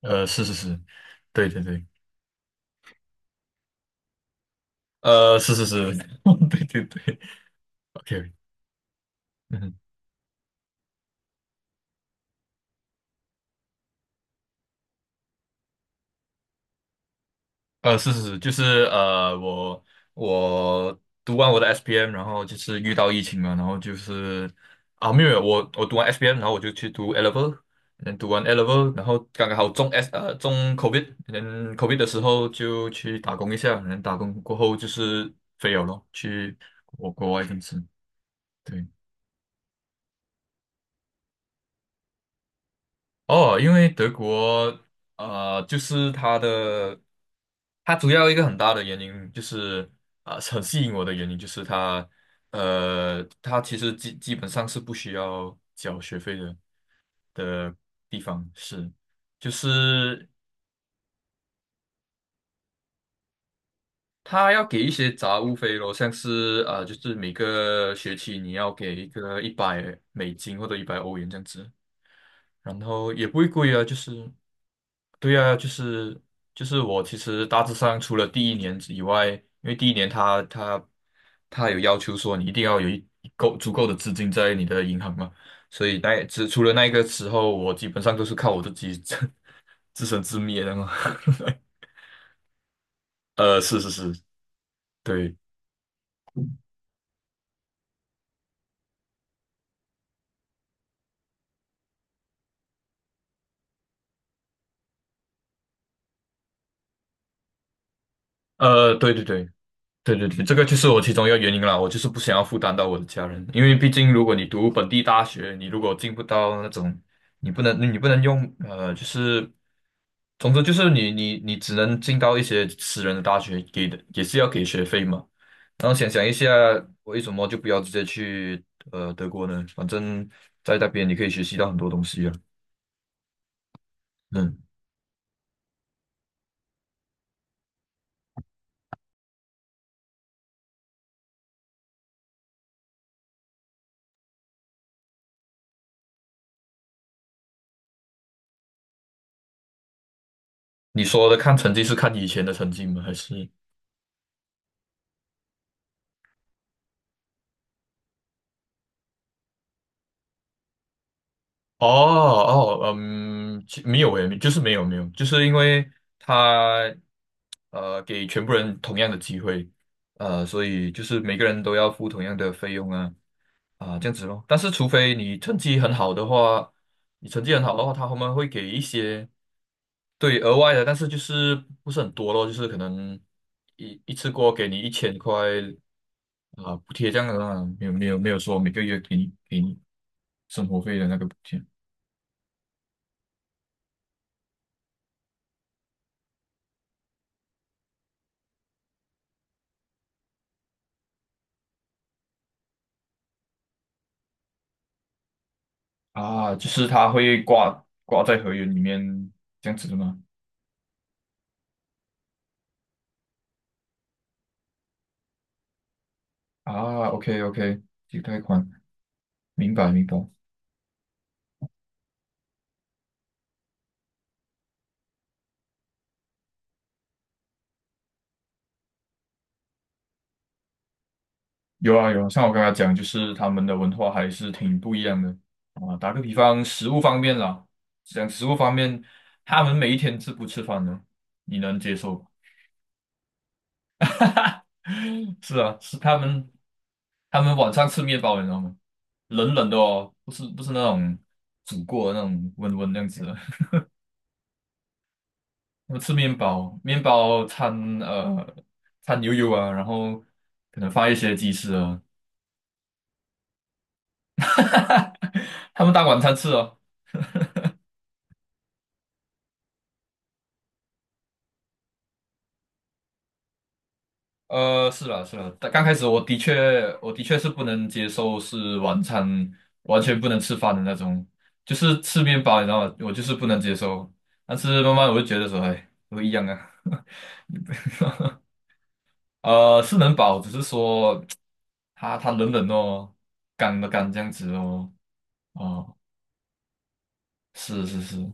是是是，对对对。是是是，对对对。OK。嗯哼。是是是，就是呃，我我读完我的 SPM，然后就是遇到疫情嘛，然后就是啊，没有，没有我读完 SPM，然后我就去读 A level。嗯，读完 A level，然后刚刚好中 COVID。嗯，COVID 的时候就去打工一下，然后打工过后就是飞了咯，去我国国外公司。对。哦，因为德国，就是它的，它主要一个很大的原因就是，啊、很吸引我的原因就是它，它其实基本上是不需要缴学费的地方，是，就是它要给一些杂物费咯，像是啊、就是每个学期你要给一个100美金或者100欧元这样子。然后也不会贵啊，就是，对啊，就是我其实大致上除了第一年以外，因为第一年他有要求说你一定要有一一够足够的资金在你的银行嘛，所以那只除了那个时候，我基本上都是靠我自己 自生自灭的嘛。是是是，对。对对对。对对对，这个就是我其中一个原因啦。我就是不想要负担到我的家人，因为毕竟如果你读本地大学，你如果进不到那种，你不能用就是，总之就是你只能进到一些私人的大学，给的也是要给学费嘛。然后想想一下，为什么就不要直接去德国呢？反正在那边你可以学习到很多东西啊。嗯，你说的看成绩是看以前的成绩吗？还是？哦哦，嗯，没有诶，就是没有没有，就是因为他给全部人同样的机会，所以就是每个人都要付同样的费用啊啊、这样子咯。但是除非你成绩很好的话，你成绩很好的话，他后面会给一些对额外的，但是就是不是很多咯，就是可能一次过给你1000块啊、补贴这样的啊，没有没有没有说每个月给你生活费的那个补贴。啊，就是它会挂在合约里面这样子的吗？啊，OK OK，几贷款，明白明白。有啊有啊，像我刚才讲，就是他们的文化还是挺不一样的啊。打个比方，食物方面啦，讲食物方面，他们每一天吃不吃饭呢？你能接受吗？是啊，他们晚上吃面包，你知道吗？冷冷的哦，不是不是那种煮过的那种温温那样子的，我吃面包，面包呃掺牛油啊，然后可能放一些鸡翅啊。他们当晚餐吃哦。是啦是啦，但刚开始我的确是不能接受是晚餐完全不能吃饭的那种，就是吃面包，你知道吗？我就是不能接受。但是慢慢我就觉得说，哎，都一样啊。是能饱，只是说它冷冷哦，干这样子哦。哦，是是是。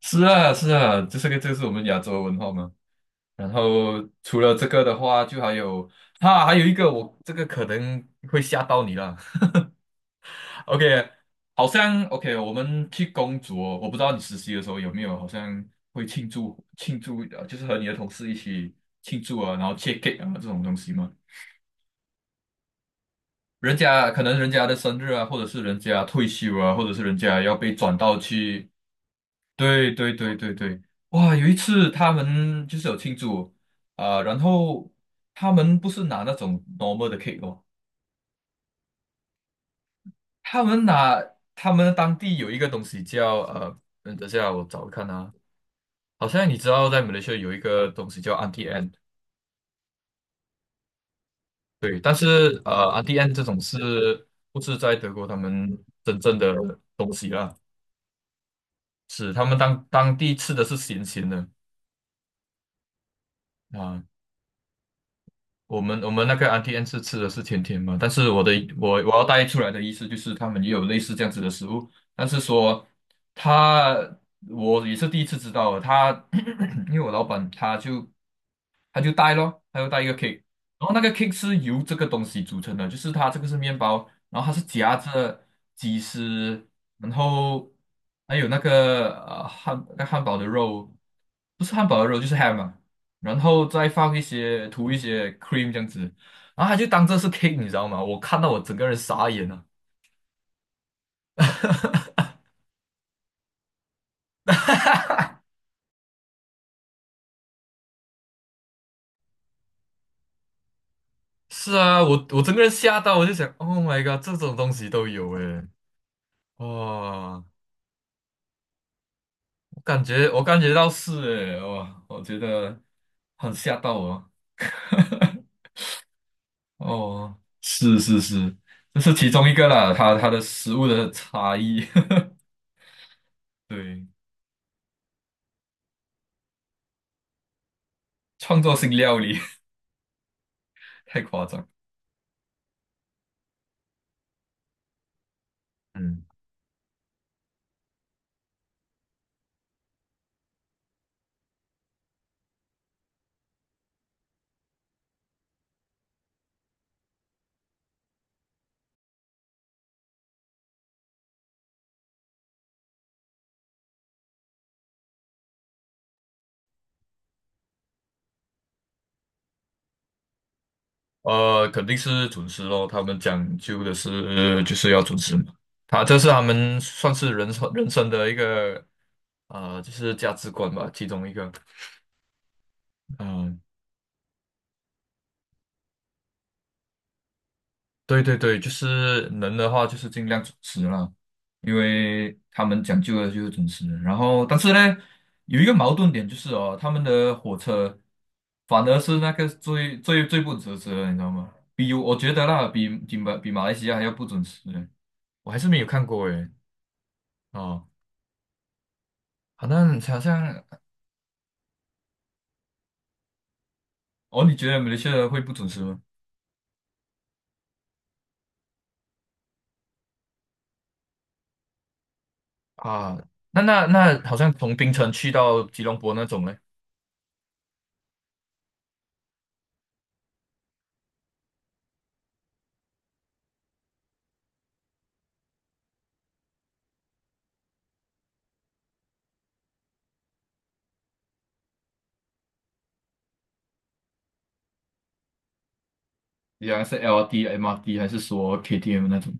是啊，是啊，这是我们亚洲文化嘛。然后除了这个的话，就还有哈，还有一个我这个可能会吓到你了。OK，好像 OK。我们去工作，我不知道你实习的时候有没有，好像会庆祝庆祝，就是和你的同事一起庆祝啊，然后切 cake 啊这种东西嘛。人家可能人家的生日啊，或者是人家退休啊，或者是人家要被转到去对对对对对。哇！有一次他们就是有庆祝啊、然后他们不是拿那种 normal 的 cake 哦，他们拿他们当地有一个东西叫嗯等下我找看啊。好像你知道在马来西亚有一个东西叫 a n t i e n n e。 对。但是a n t i e n n e 这种是不是在德国他们真正的东西啦？是他们当地吃的是咸咸的啊。我们那个 a u n t e n 是吃的是甜甜嘛。但是我的我我要带出来的意思就是他们也有类似这样子的食物，但是说他我也是第一次知道他 因为我老板他就带咯，他就带一个 cake，然后那个 cake 是由这个东西组成的，就是它这个是面包，然后它是夹着鸡丝，然后还有那个那个汉堡的肉，不是汉堡的肉就是 ham 啊，然后再放一些涂一些 cream 这样子，然后他就当这是 cake，你知道吗？我看到我整个人傻眼了。是啊，我整个人吓到，我就想，Oh my god，这种东西都有诶，哇！我感觉到是诶，哇，我觉得很吓到我。哦，是是是，这是其中一个啦，它的食物的差异。对，创作性料理。 太夸张。嗯。肯定是准时咯，他们讲究的是就是要准时嘛。他这是他们算是人生的一个就是价值观吧，其中一个。嗯、对对对，就是能的话，就是尽量准时了，因为他们讲究的就是准时。然后，但是呢，有一个矛盾点就是哦，他们的火车反而是那个最最最不准时的，你知道吗？比我觉得啦，比马来西亚还要不准时呢。我还是没有看过诶。哦，好像哦。你觉得马来西亚会不准时吗？啊。那好像从槟城去到吉隆坡那种嘞。你讲是 LRT、MRD 还是说 KTM 那种？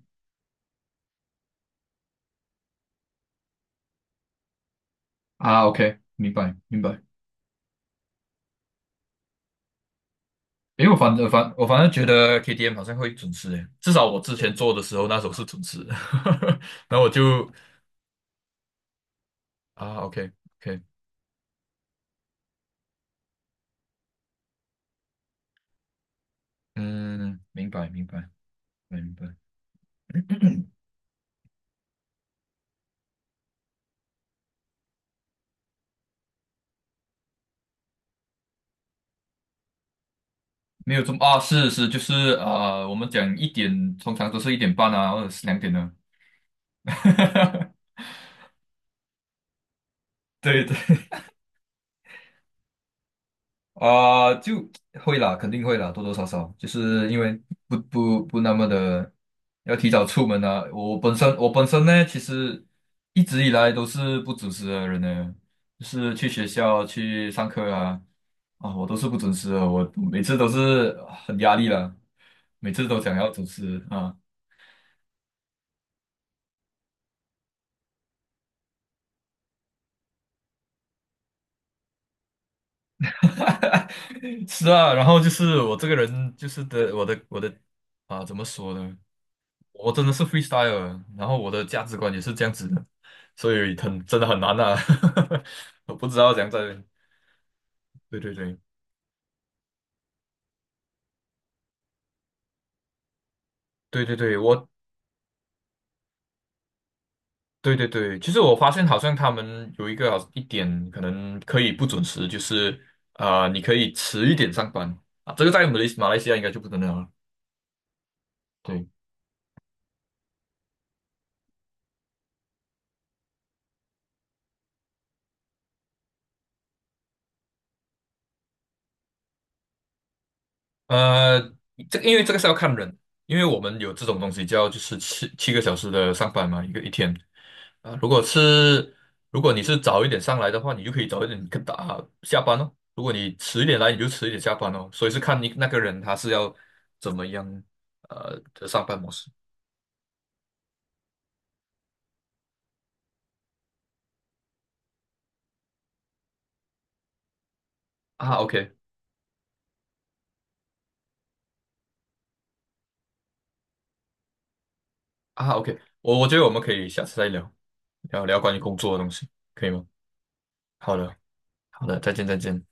啊，OK，明白明白。因为我反正觉得 KTM 好像会准时诶，至少我之前做的时候那时候是准时的。然后我就啊，OK OK。嗯，明白明白明白。没有这么啊。是就是啊、我们讲一点通常都是1点半啊，或者是2点呢、对对。啊、就会啦，肯定会啦，多多少少，就是因为不那么的要提早出门啊。我本身呢，其实一直以来都是不准时的人呢，就是去学校去上课啊啊，我都是不准时的，我每次都是啊很压力啦，每次都想要准时啊。是啊，然后就是我这个人就是的，我的我的啊，怎么说呢？我真的是 freestyle，的然后我的价值观也是这样子的。所以很真的很难啊。我不知道怎样在，对对对对对对，我对对对。其实我发现好像他们有一个好一点可能可以不准时，就是啊、你可以迟一点上班啊，这个在马来西亚应该就不能了。对。呃，这因为这个是要看人，因为我们有这种东西叫就是七个小时的上班嘛，一天。啊，如果你是早一点上来的话，你就可以早一点跟打下班哦。如果你迟一点来，你就迟一点下班哦。所以是看你那个人他是要怎么样的上班模式啊。OK 啊，OK，我觉得我们可以下次再聊聊关于工作的东西，可以吗？好的，好的，再见再见。